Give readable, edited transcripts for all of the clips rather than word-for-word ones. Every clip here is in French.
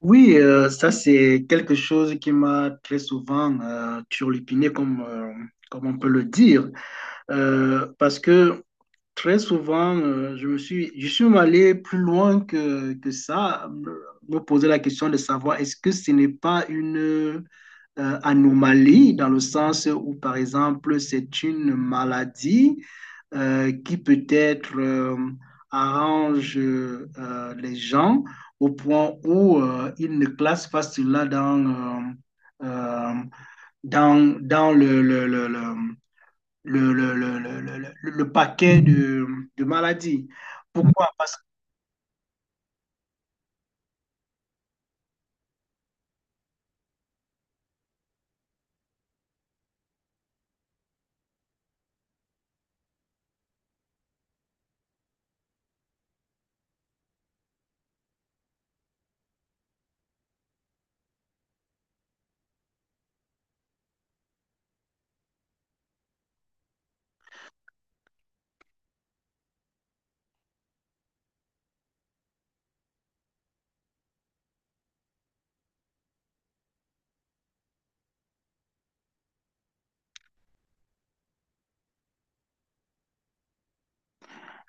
Oui, ça c'est quelque chose qui m'a très souvent turlupiné, comme on peut le dire. Parce que très souvent, je suis même allé plus loin que ça, me poser la question de savoir est-ce que ce n'est pas une anomalie dans le sens où, par exemple, c'est une maladie qui peut-être arrange les gens au point où ils ne classent pas cela dans, euh, euh, dans, dans le- paquet de maladies. Pourquoi? Parce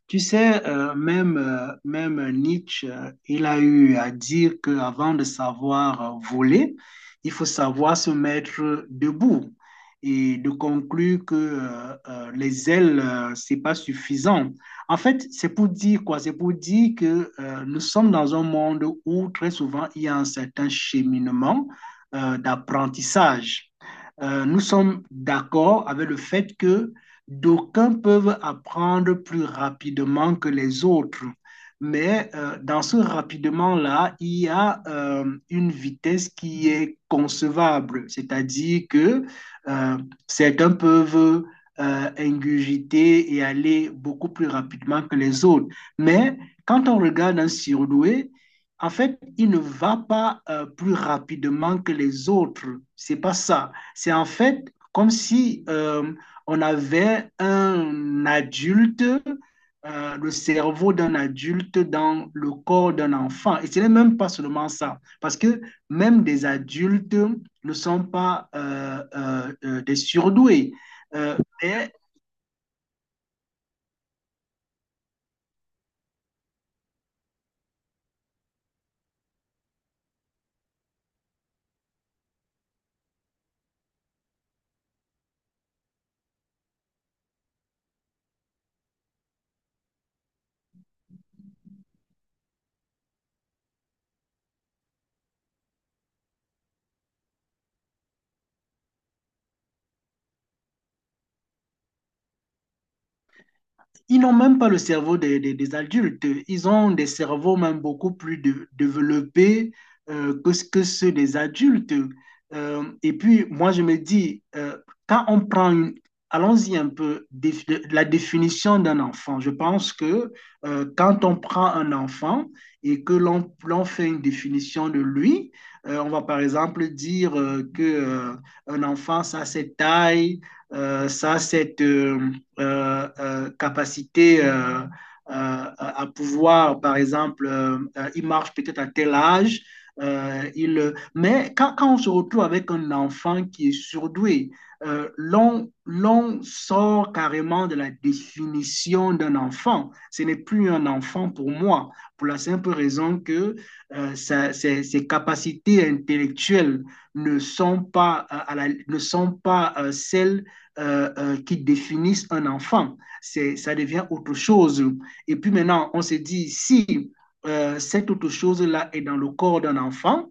Tu sais, même Nietzsche, il a eu à dire qu'avant de savoir voler, il faut savoir se mettre debout et de conclure que les ailes, c'est pas suffisant. En fait, c'est pour dire quoi? C'est pour dire que nous sommes dans un monde où très souvent il y a un certain cheminement d'apprentissage. Nous sommes d'accord avec le fait que d'aucuns peuvent apprendre plus rapidement que les autres, mais dans ce rapidement-là, il y a une vitesse qui est concevable, c'est-à-dire que euh, certains peuvent ingurgiter et aller beaucoup plus rapidement que les autres. Mais quand on regarde un surdoué, en fait, il ne va pas plus rapidement que les autres. C'est pas ça. C'est en fait comme si on avait un adulte, le cerveau d'un adulte dans le corps d'un enfant. Et ce n'est même pas seulement ça, parce que même des adultes ne sont pas des surdoués. Euh, mais Ils n'ont même pas le cerveau des adultes. Ils ont des cerveaux même beaucoup plus développés que ceux des adultes. Et puis, moi, je me dis, quand on prend une... Allons-y un peu, la définition d'un enfant. Je pense que quand on prend un enfant et que l'on fait une définition de lui, on va par exemple dire que un enfant, ça c'est taille, ça c'est capacité à pouvoir, par exemple, il marche peut-être à tel âge, mais quand on se retrouve avec un enfant qui est surdoué, l'on sort carrément de la définition d'un enfant. Ce n'est plus un enfant pour moi, pour la simple raison que ses capacités intellectuelles ne sont pas celles qui définissent un enfant. Ça devient autre chose. Et puis maintenant, on se dit, si cette autre chose-là est dans le corps d'un enfant,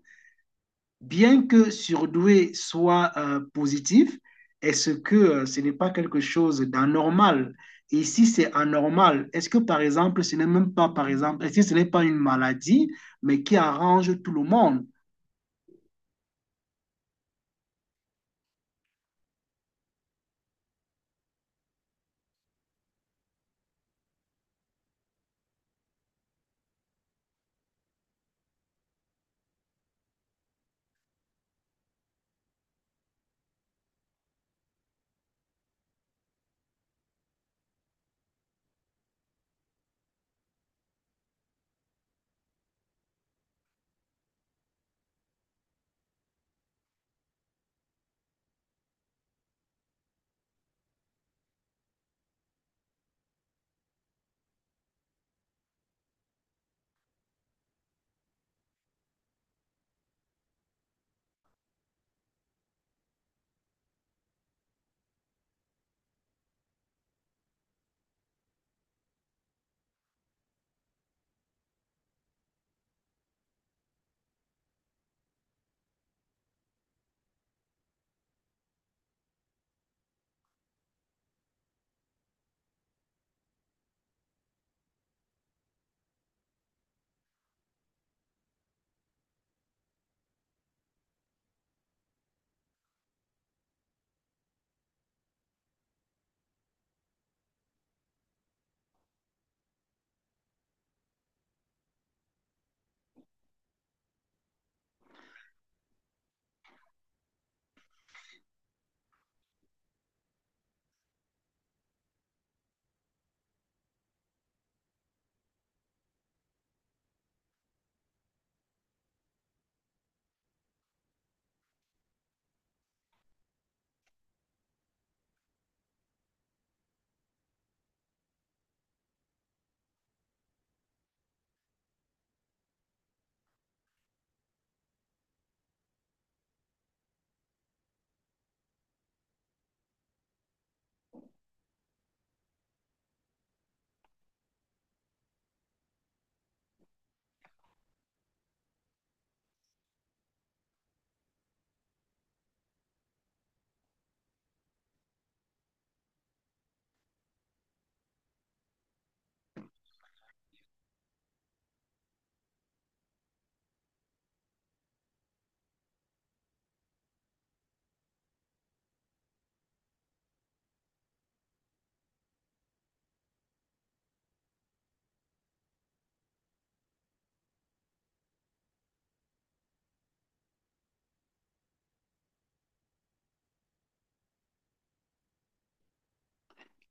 bien que surdoué soit positif, est-ce que ce n'est pas quelque chose d'anormal? Et si c'est anormal, est-ce que par exemple, ce n'est même pas, par exemple, est-ce que ce n'est pas une maladie, mais qui arrange tout le monde?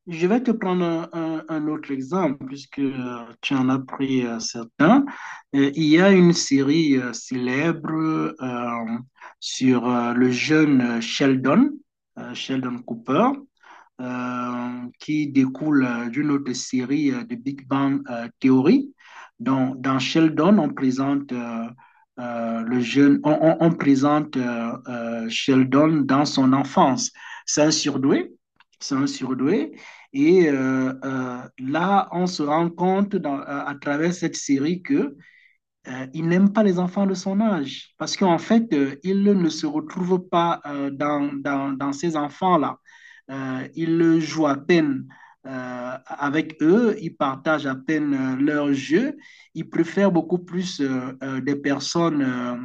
Je vais te prendre un autre exemple, puisque tu en as pris certains. Il y a une série célèbre euh, sur le jeune Sheldon, Sheldon Cooper, qui découle d'une autre série, de Big Bang Theory. Donc, dans Sheldon, on présente le jeune, on présente Sheldon dans son enfance. C'est un surdoué, c'est un surdoué. Et là, on se rend compte à travers cette série que il n'aime pas les enfants de son âge parce qu'en fait, il ne se retrouve pas dans ces enfants-là. Il joue à peine avec eux, il partage à peine leur jeu, il préfère beaucoup plus des personnes euh,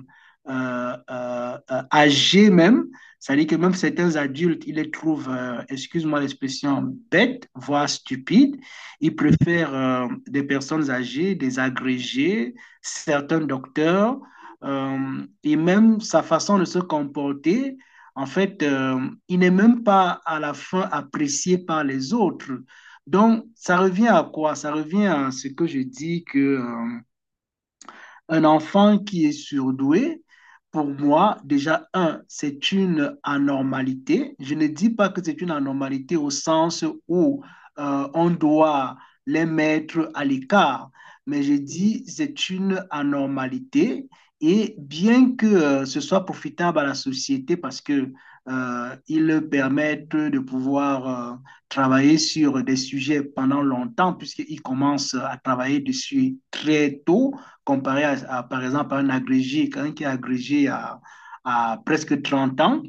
euh, euh, euh, âgées même, c'est-à-dire que même certains adultes, il les trouve, excuse-moi l'expression, bêtes, voire stupides. Il préfère des personnes âgées, des agrégés, certains docteurs, et même sa façon de se comporter. En fait, il n'est même pas à la fin apprécié par les autres. Donc, ça revient à quoi? Ça revient à ce que je dis que un enfant qui est surdoué, pour moi, déjà, un, c'est une anormalité. Je ne dis pas que c'est une anormalité au sens où on doit les mettre à l'écart, mais je dis c'est une anormalité. Et bien que ce soit profitable à la société, parce que ils permettent de pouvoir travailler sur des sujets pendant longtemps puisqu'ils commencent à travailler dessus très tôt, comparé par exemple, à un agrégé, quelqu'un qui est agrégé à presque 30 ans.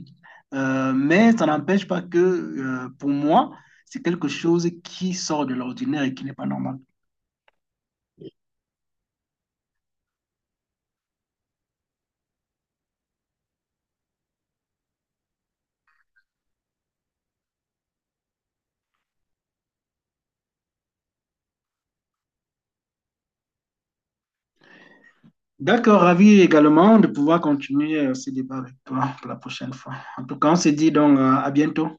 Mais ça n'empêche pas que, pour moi, c'est quelque chose qui sort de l'ordinaire et qui n'est pas normal. D'accord, ravi également de pouvoir continuer ce débat avec toi pour la prochaine fois. En tout cas, on se dit donc à bientôt.